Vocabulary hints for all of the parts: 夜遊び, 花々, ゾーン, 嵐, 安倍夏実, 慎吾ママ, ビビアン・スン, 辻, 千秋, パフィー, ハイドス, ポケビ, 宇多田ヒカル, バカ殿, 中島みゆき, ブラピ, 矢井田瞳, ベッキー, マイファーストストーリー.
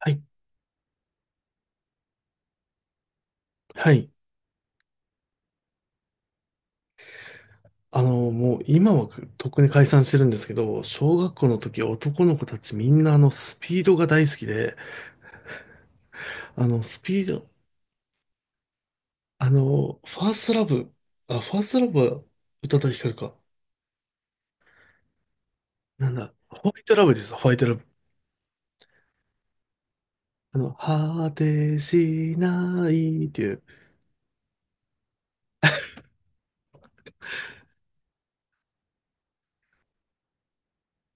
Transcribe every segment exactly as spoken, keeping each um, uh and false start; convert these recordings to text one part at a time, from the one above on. はい。はい。あの、もう今はとっくに解散してるんですけど、小学校の時男の子たちみんなあのスピードが大好きで、あのスピード、あの、ファーストラブ、あ、ファーストラブは宇多田ヒカルか。なんだ、ホワイトラブです、ホワイトラブ。あの、果てしないっていう、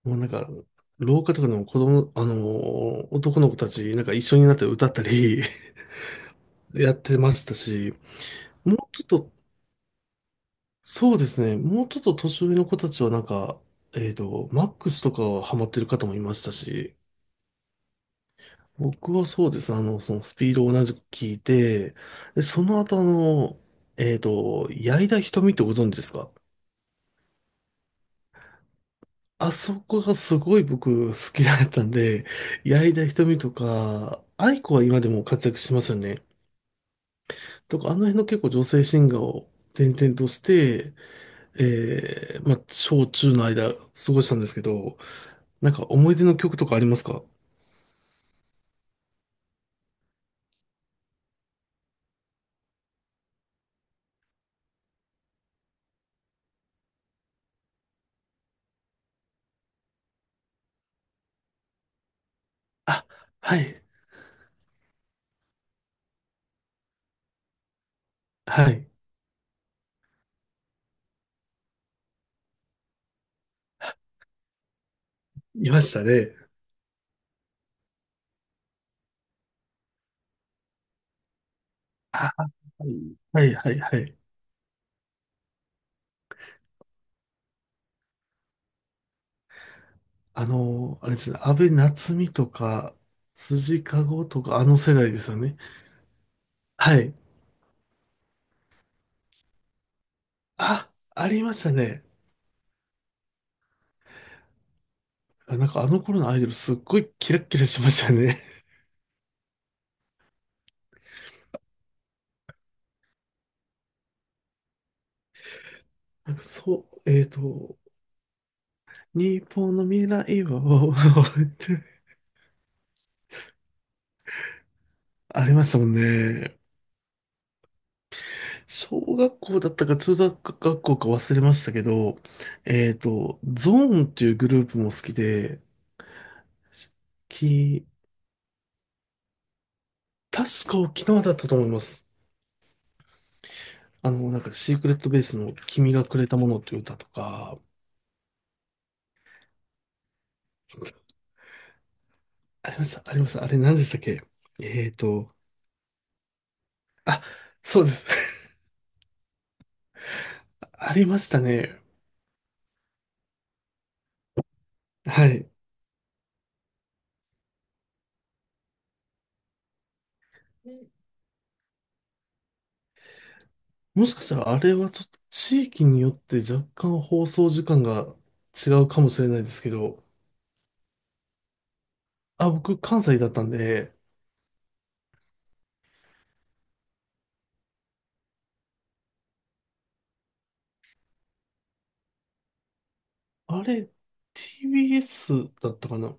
もうなんか、廊下とかでも子供、あの、男の子たちなんか一緒になって歌ったり やってましたし、もうちょっとそうですね。もうちょっと年上の子たちはなんか、えっと、マックスとかはハマってる方もいましたし、僕はそうですね。あの、そのスピードを同じく聞いて、で、その後あの、えっと、矢井田瞳ってご存知ですか？あそこがすごい僕好きだったんで、矢井田瞳とか、愛子は今でも活躍しますよね。とか、あの辺の結構女性シンガーを転々として、えー、まあ、小中の間過ごしたんですけど、なんか思い出の曲とかありますか？あ、はい、はい、いましたね。あ、はい、はい、はい。あのーあれですね、安倍夏実とか、辻かごとか、あの世代ですよね。はい。あ、ありましたね。あ、なんかあの頃のアイドルすっごいキラッキラしましたね。なんかそう、えっと、日本の未来を ありましたもんね。小学校だったか中学学校か忘れましたけど、えっと、ゾーンっていうグループも好きで、き、確か沖縄だったと思います。あの、なんかシークレットベースの君がくれたものっていう歌とか、ありました、ありました。あれ何でしたっけ？えっと、そうです。ありましたね。はい。もしかしたらあれはちょっと地域によって若干放送時間が違うかもしれないですけど、あ、僕関西だったんで、あれ ティービーエス だったかな。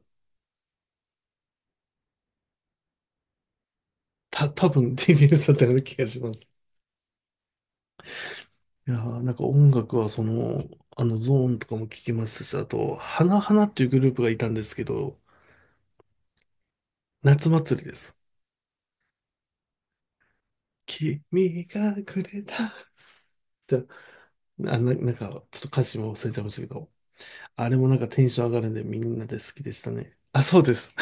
た、多分 ティービーエス だったような気がします。いやーなんか音楽はその、あのゾーンとかも聞きましたし、あと、花々っていうグループがいたんですけど、夏祭りです。君がくれた。じゃあ、あな、なんか、ちょっと歌詞も忘れちゃいましたけど、あれもなんかテンション上がるんでみんなで好きでしたね。あ、そうです。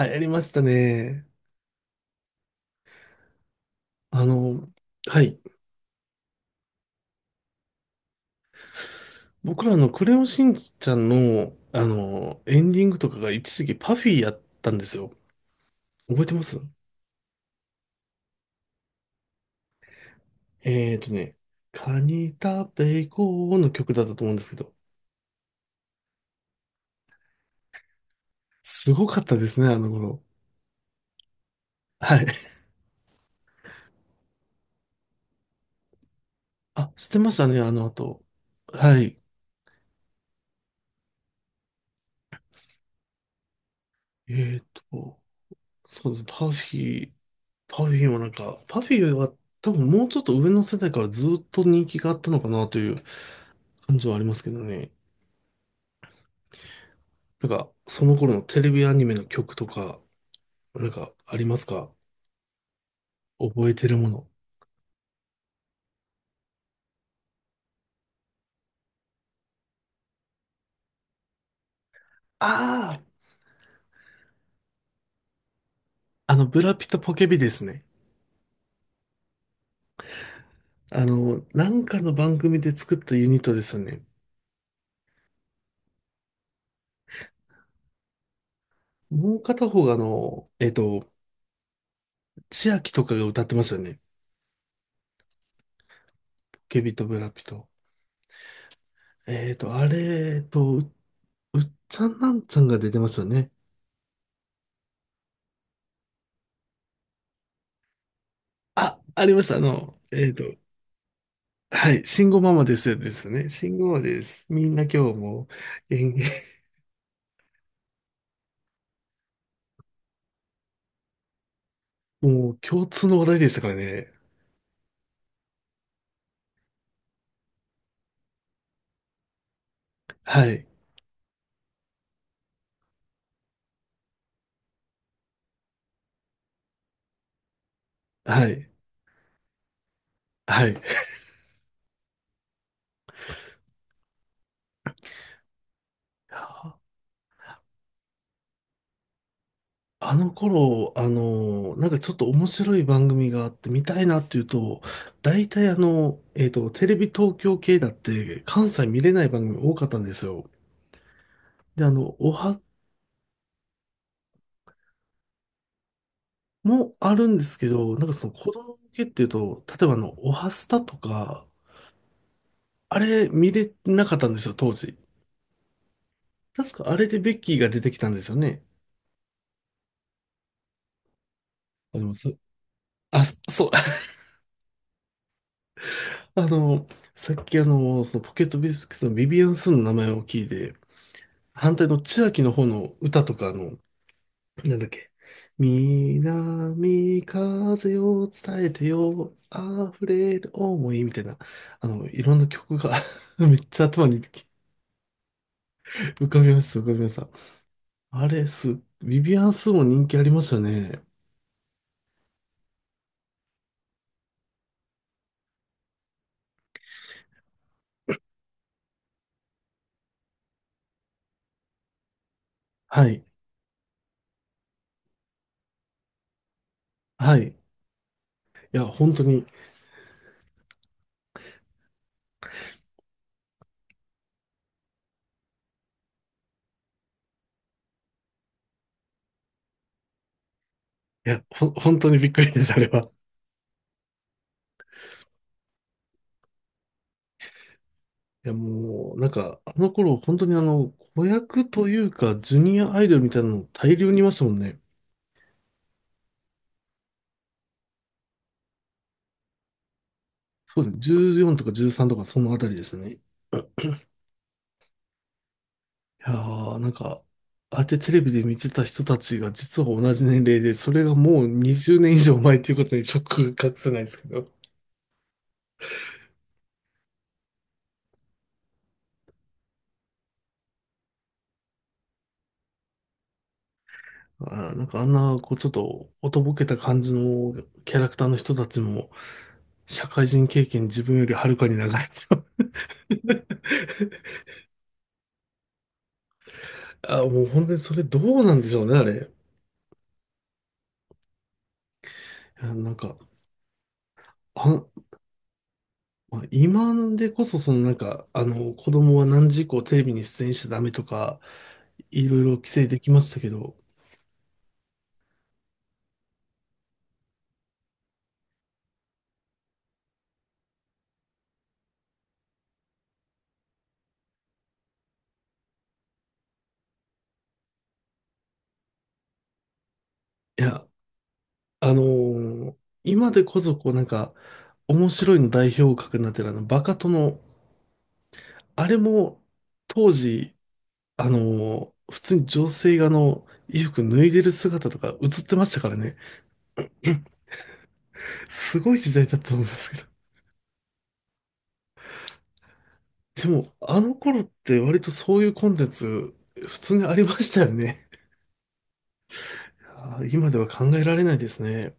流行りましたね。あの、はい。僕らのクレヨンしんちゃんの、あの、エンディングとかが一時期パフィーやったんですよ。覚えてます？えーとね、カニ食べ行こうの曲だったと思うんですけど、すごかったですね、あの頃。はい。あ、知ってましたね、あの後。はい。えーと、そうですね、パフィー、パフィーもなんか、パフィーは多分もうちょっと上の世代からずっと人気があったのかなという感じはありますけどね。なんか、その頃のテレビアニメの曲とか、なんか、ありますか？覚えてるもの。ああ、あの、ブラピとポケビですね。あの、なんかの番組で作ったユニットですよね。もう片方があの、えっと、千秋とかが歌ってましたよね。ポケビとブラピと。えっと、あれ、えっと、う、うっちゃんなんちゃんが出てましたよね。あ、ありました。あの、えっと、はい、慎吾ママですですね。慎吾ママです。みんな今日も、えー もう共通の話題でしたからね。はい。はい。はい。あ、あの頃、あの、なんかちょっと面白い番組があって見たいなっていうと、大体あの、えっと、テレビ東京系だって関西見れない番組多かったんですよ。で、あの、おはもあるんですけど、なんかその子供向けっていうと、例えばあの、おはスタとか、あれ見れなかったんですよ、当時。確かあれでベッキーが出てきたんですよね。あ、でもそあ、そそう、あの、さっきあの、そのポケットビスケッツのビビアン・スンの名前を聞いて、反対の千秋の方の歌とか、あの、なんだっけ。南風を伝えてよ、溢れる思いみたいな、あの、いろんな曲が めっちゃ頭に浮かびました、浮かびました。あれ、す、ビビアン・スンも人気ありましたね。はい、はい。いや、本当に、いや、ほん、本当にびっくりです、あれは。いやもう、なんか、あの頃、本当にあの、子役というか、ジュニアアイドルみたいなの大量にいましたもんね。そうですね。じゅうよんとかじゅうさんとか、そのあたりですね。いやー、なんか、ああやってテレビで見てた人たちが、実は同じ年齢で、それがもうにじゅうねん以上前っていうことにショックが隠せないですけど。あー、なんかあんな、こう、ちょっと、おとぼけた感じのキャラクターの人たちも、社会人経験自分よりはるかに長い人。あー、もう本当にそれどうなんでしょうね、あれ。いやなんか、あ、まあ今でこそ、そのなんか、あの、子供は何時以降テレビに出演しちゃダメとか、いろいろ規制できましたけど、いや、あのー今でこそ、こうなんか、面白いの代表格になってるあの、バカ殿、あれも、当時、あのー普通に女性があの、衣服脱いでる姿とか映ってましたからね、すごい時代だったと思いますけど。でも、あの頃って割とそういうコンテンツ、普通にありましたよね。あー今では考えられないですね。